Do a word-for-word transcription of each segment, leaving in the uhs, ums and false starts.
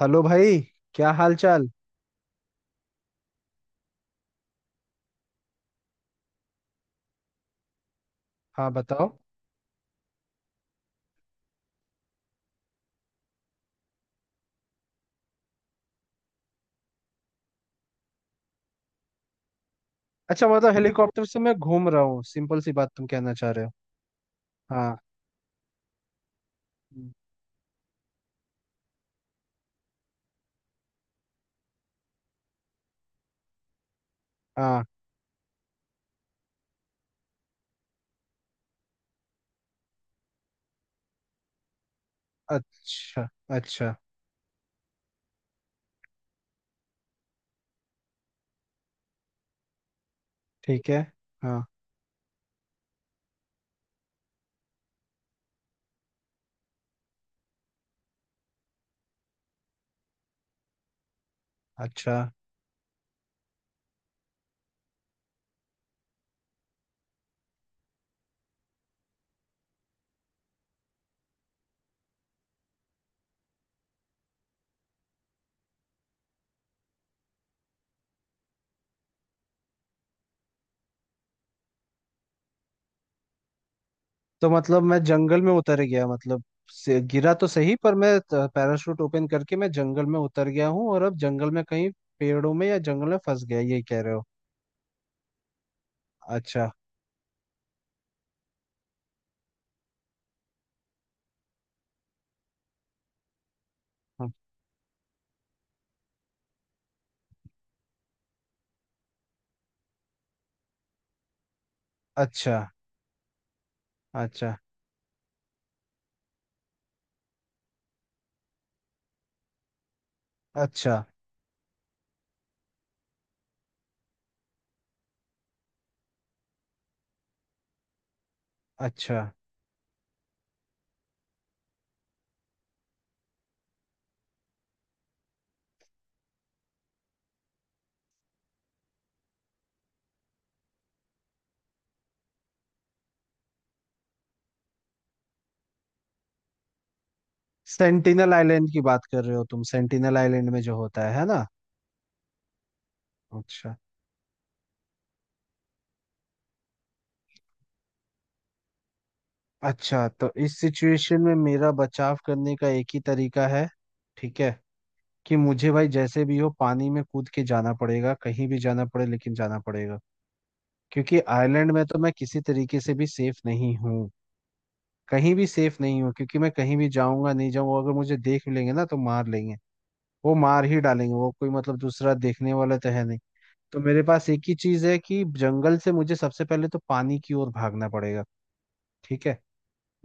Hello भाई। क्या हाल चाल। हाँ बताओ। अच्छा मतलब हेलीकॉप्टर से मैं घूम रहा हूँ, सिंपल सी बात तुम कहना चाह रहे हो। हाँ। हम्म। हाँ। अच्छा। अच्छा। ठीक है। हाँ। अच्छा तो मतलब मैं जंगल में उतर गया, मतलब से गिरा तो सही पर मैं पैराशूट ओपन करके मैं जंगल में उतर गया हूँ और अब जंगल में कहीं पेड़ों में या जंगल में फंस गया, यही कह रहे हो। अच्छा। हाँ। अच्छा। अच्छा। अच्छा। अच्छा। सेंटिनल आइलैंड की बात कर रहे हो तुम, सेंटिनल आइलैंड में जो होता है है ना। अच्छा। अच्छा तो इस सिचुएशन में मेरा बचाव करने का एक ही तरीका है। ठीक है। कि मुझे भाई जैसे भी हो पानी में कूद के जाना पड़ेगा, कहीं भी जाना पड़े लेकिन जाना पड़ेगा। क्योंकि आइलैंड में तो मैं किसी तरीके से भी सेफ नहीं हूँ। कहीं भी सेफ नहीं हूँ, क्योंकि मैं कहीं भी जाऊंगा नहीं जाऊंगा, अगर मुझे देख भी लेंगे ना तो मार लेंगे। वो मार ही डालेंगे, वो कोई मतलब दूसरा देखने वाला तो है नहीं। तो मेरे पास एक ही चीज है कि जंगल से मुझे सबसे पहले तो पानी की ओर भागना पड़ेगा। ठीक है।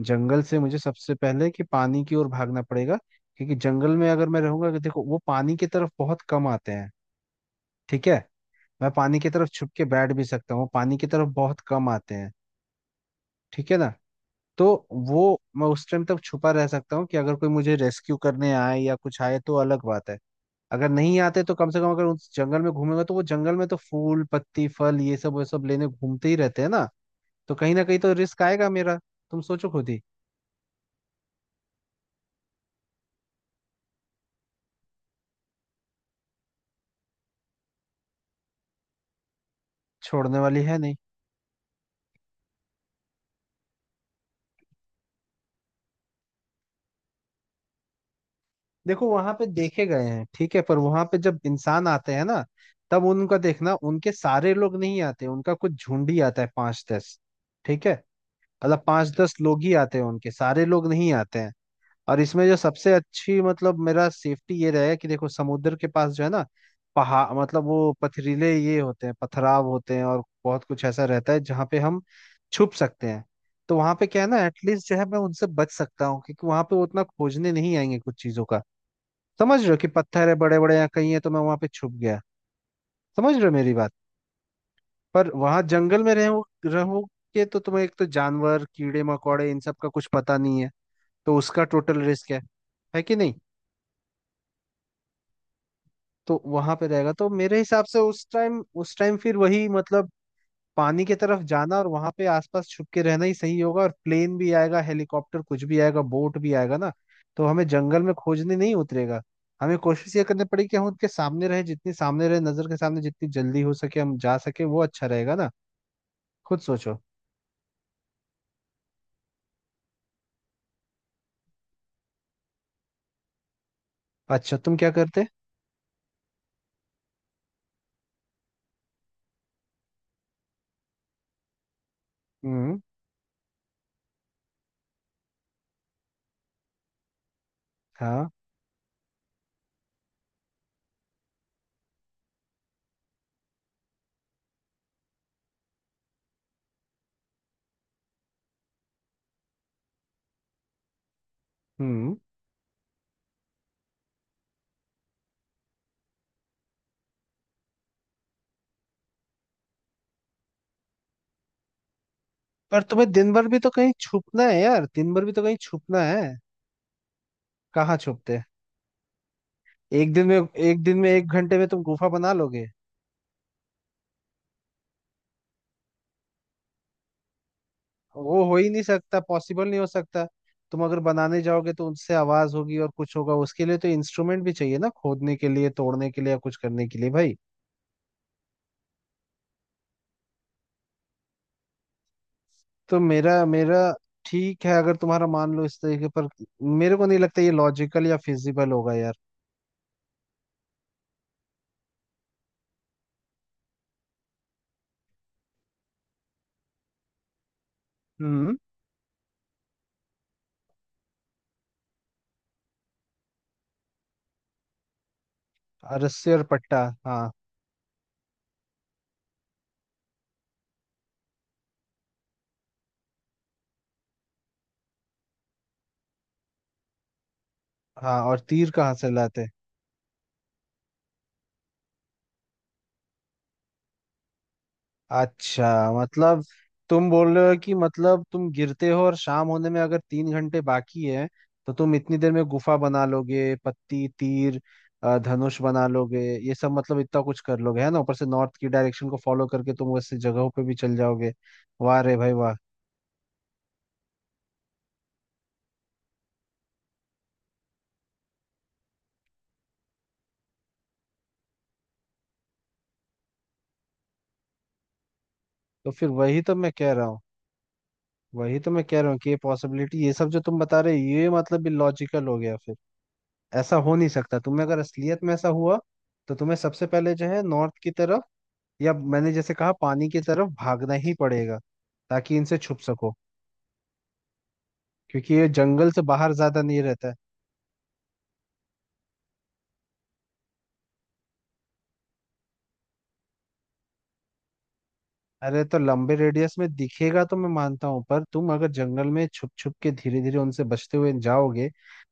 जंगल से मुझे सबसे पहले कि पानी की ओर भागना पड़ेगा। क्योंकि जंगल में अगर मैं रहूंगा, कि देखो वो पानी की तरफ बहुत कम आते हैं। ठीक है। मैं पानी की तरफ छुप के बैठ भी सकता हूँ, वो पानी की तरफ बहुत कम आते हैं। ठीक है ना। तो वो मैं उस टाइम तक छुपा रह सकता हूँ कि अगर कोई मुझे रेस्क्यू करने आए या कुछ आए तो अलग बात है। अगर नहीं आते तो कम से कम अगर उस जंगल में घूमेगा तो वो जंगल में तो फूल पत्ती फल ये सब वो सब लेने घूमते ही रहते हैं ना। तो कहीं ना कहीं तो रिस्क आएगा मेरा। तुम सोचो खुद ही। छोड़ने वाली है नहीं। देखो वहां पे देखे गए हैं, ठीक है, पर वहां पे जब इंसान आते हैं ना, तब उनका देखना उनके सारे लोग नहीं आते, उनका कुछ झुंड ही आता है, पांच दस। ठीक है। मतलब पांच दस लोग ही आते हैं, उनके सारे लोग नहीं आते हैं। और इसमें जो सबसे अच्छी मतलब मेरा सेफ्टी ये रहेगा कि देखो समुद्र के पास जो है ना, पहाड़, मतलब वो पथरीले ये होते हैं, पथराव होते हैं और बहुत कुछ ऐसा रहता है जहाँ पे हम छुप सकते हैं। तो वहां पे क्या है ना, एटलीस्ट जो है मैं उनसे बच सकता हूँ, क्योंकि वहां पे वो उतना खोजने नहीं आएंगे कुछ चीजों का। समझ रहे हो, कि पत्थर है बड़े बड़े या कहीं है तो मैं वहां पे छुप गया। समझ रहे हो मेरी बात। पर वहां जंगल में रहो रहोगे तो तुम्हें एक तो जानवर कीड़े मकोड़े इन सब का कुछ पता नहीं है। तो उसका टोटल रिस्क है। है कि नहीं। तो वहां पे रहेगा तो मेरे हिसाब से उस टाइम उस टाइम फिर वही मतलब पानी की तरफ जाना और वहां पे आसपास छुप के रहना ही सही होगा, और प्लेन भी आएगा, हेलीकॉप्टर कुछ भी आएगा, बोट भी आएगा ना। तो हमें जंगल में खोजने नहीं उतरेगा। हमें कोशिश ये करनी पड़ेगी कि हम उनके सामने रहे, जितनी सामने रहे नजर के सामने जितनी जल्दी हो सके हम जा सके, वो अच्छा रहेगा ना। खुद सोचो। अच्छा तुम क्या करते। हम्म। हाँ। हम्म। पर तुम्हें दिन भर भी तो कहीं छुपना है यार, दिन भर भी तो कहीं छुपना है। कहाँ छुपते। एक दिन में एक दिन में एक घंटे में तुम गुफा बना लोगे। वो हो ही नहीं सकता, पॉसिबल नहीं हो सकता। तुम अगर बनाने जाओगे तो उनसे आवाज होगी और कुछ होगा, उसके लिए तो इंस्ट्रूमेंट भी चाहिए ना, खोदने के लिए तोड़ने के लिए या कुछ करने के लिए भाई। तो मेरा मेरा ठीक है अगर तुम्हारा मान लो इस तरीके पर, मेरे को नहीं लगता ये लॉजिकल या फिजिबल होगा यार। हम्म। और रस्सी और पट्टा, हाँ। हाँ और तीर कहाँ से लाते। अच्छा मतलब तुम बोल रहे हो कि मतलब तुम गिरते हो और शाम होने में अगर तीन घंटे बाकी है, तो तुम इतनी देर में गुफा बना लोगे, पत्ती, तीर, अ, धनुष बना लोगे, ये सब मतलब इतना कुछ कर लोगे, है ना, ऊपर से नॉर्थ की डायरेक्शन को फॉलो करके तुम वैसे जगहों पे भी चल जाओगे। वाह रे भाई वाह। तो फिर वही तो मैं कह रहा हूँ। वही तो मैं कह रहा हूँ कि ये पॉसिबिलिटी ये सब जो तुम बता रहे हो ये मतलब इलॉजिकल हो गया फिर। ऐसा हो नहीं सकता। तुम्हें अगर असलियत में ऐसा हुआ, तो तुम्हें सबसे पहले जो है नॉर्थ की तरफ, या मैंने जैसे कहा पानी की तरफ भागना ही पड़ेगा, ताकि इनसे छुप सको, क्योंकि ये जंगल से बाहर ज्यादा नहीं रहता है। अरे तो लंबे रेडियस में दिखेगा तो मैं मानता हूं, पर तुम अगर जंगल में छुप छुप के धीरे धीरे उनसे बचते हुए जाओगे,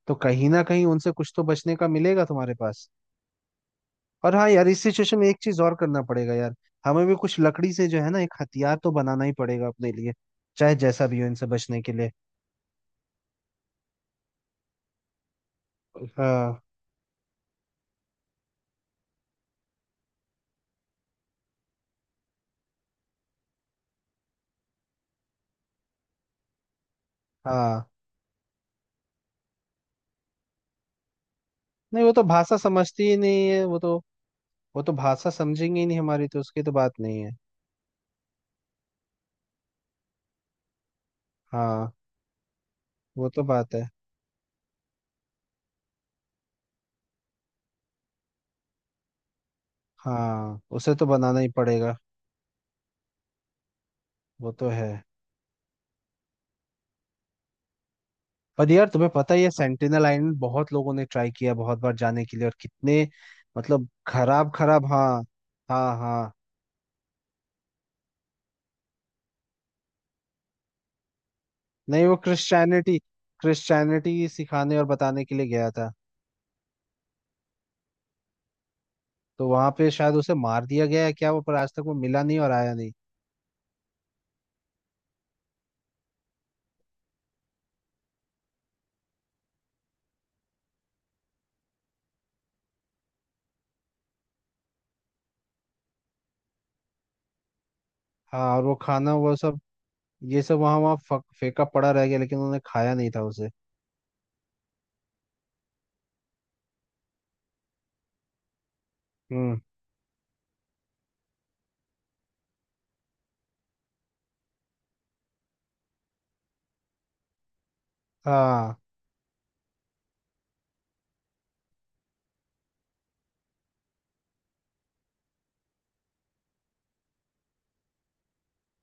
तो कहीं ना कहीं उनसे कुछ तो बचने का मिलेगा तुम्हारे पास। और हाँ यार इस सिचुएशन में एक चीज और करना पड़ेगा यार, हमें भी कुछ लकड़ी से जो है ना एक हथियार तो बनाना ही पड़ेगा अपने लिए, चाहे जैसा भी हो, इनसे बचने के लिए। हाँ। हाँ नहीं वो तो भाषा समझती ही नहीं है वो तो। वो तो भाषा समझेंगे ही नहीं हमारी, तो उसकी तो बात नहीं है। हाँ। वो तो बात है। हाँ उसे तो बनाना ही पड़ेगा। वो तो है। पर यार तुम्हें पता ही है सेंटिनल आइलैंड बहुत लोगों ने ट्राई किया बहुत बार जाने के लिए, और कितने मतलब खराब, खराब, हाँ। हाँ हाँ। नहीं वो क्रिश्चियनिटी, क्रिश्चियनिटी सिखाने और बताने के लिए गया था। तो वहां पे शायद उसे मार दिया गया है क्या वो, पर आज तक वो मिला नहीं और आया नहीं। हाँ और वो खाना वो सब, ये सब वहां वहां फेंका पड़ा रह गया लेकिन उन्होंने खाया नहीं था उसे। हम्म। हाँ।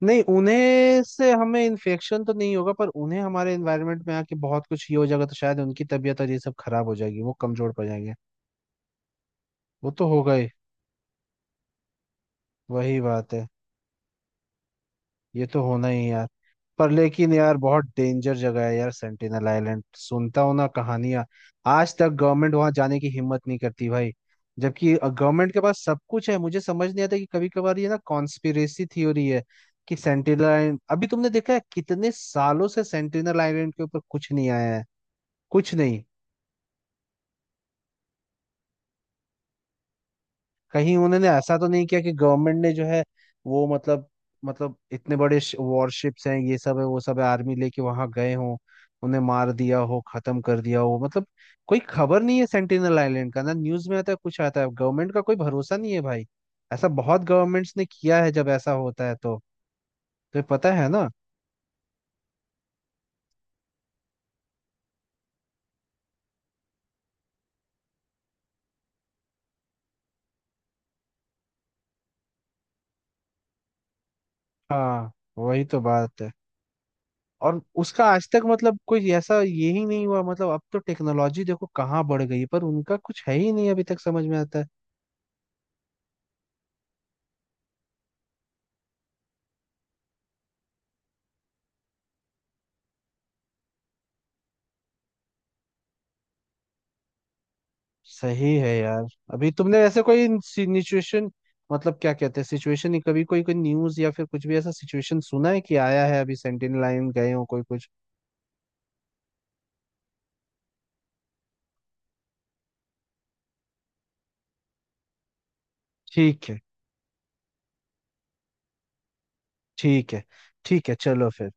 नहीं उन्हें से हमें इन्फेक्शन तो नहीं होगा, पर उन्हें हमारे एनवायरनमेंट में आके बहुत कुछ ये हो जाएगा, तो शायद उनकी तबीयत और ये सब खराब हो जाएगी, वो कमजोर पड़ जाएंगे। वो तो होगा ही। वही बात है। ये तो होना ही है यार। पर लेकिन यार बहुत डेंजर जगह है यार सेंटिनल आइलैंड, सुनता हूं ना कहानियां। आज तक गवर्नमेंट वहां जाने की हिम्मत नहीं करती भाई। जबकि गवर्नमेंट के पास सब कुछ है, मुझे समझ नहीं आता कि कभी कभार ये ना कॉन्स्पिरेसी थ्योरी है, कि सेंटिनल आइलैंड अभी तुमने देखा है कितने सालों से सेंटिनल आइलैंड के ऊपर कुछ नहीं आया है। कुछ नहीं। कहीं उन्होंने ऐसा तो नहीं किया कि गवर्नमेंट ने जो है वो मतलब, मतलब इतने बड़े वॉरशिप्स हैं ये सब है वो सब है, आर्मी लेके वहां गए हो, उन्हें मार दिया हो, खत्म कर दिया हो मतलब। कोई खबर नहीं है सेंटिनल आइलैंड का, ना न्यूज में आता है कुछ आता है, गवर्नमेंट का कोई भरोसा नहीं है भाई। ऐसा बहुत गवर्नमेंट्स ने किया है जब ऐसा होता है तो। तो ये पता है ना। हाँ वही तो बात है। और उसका आज तक मतलब कोई ऐसा यही नहीं हुआ, मतलब अब तो टेक्नोलॉजी देखो कहाँ बढ़ गई है, पर उनका कुछ है ही नहीं अभी तक, समझ में आता है। सही है यार। अभी तुमने ऐसे कोई सिचुएशन, मतलब क्या कहते हैं सिचुएशन नहीं, कभी कोई कोई न्यूज या फिर कुछ भी ऐसा सिचुएशन सुना है कि आया है अभी, सेंटिनल लाइन गए हो कोई कुछ। ठीक है। ठीक है। ठीक है चलो फिर।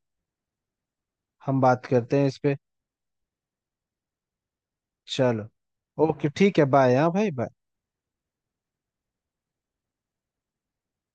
हम बात करते हैं इस पे। चलो। ओके ठीक है बाय, हाँ भाई बाय।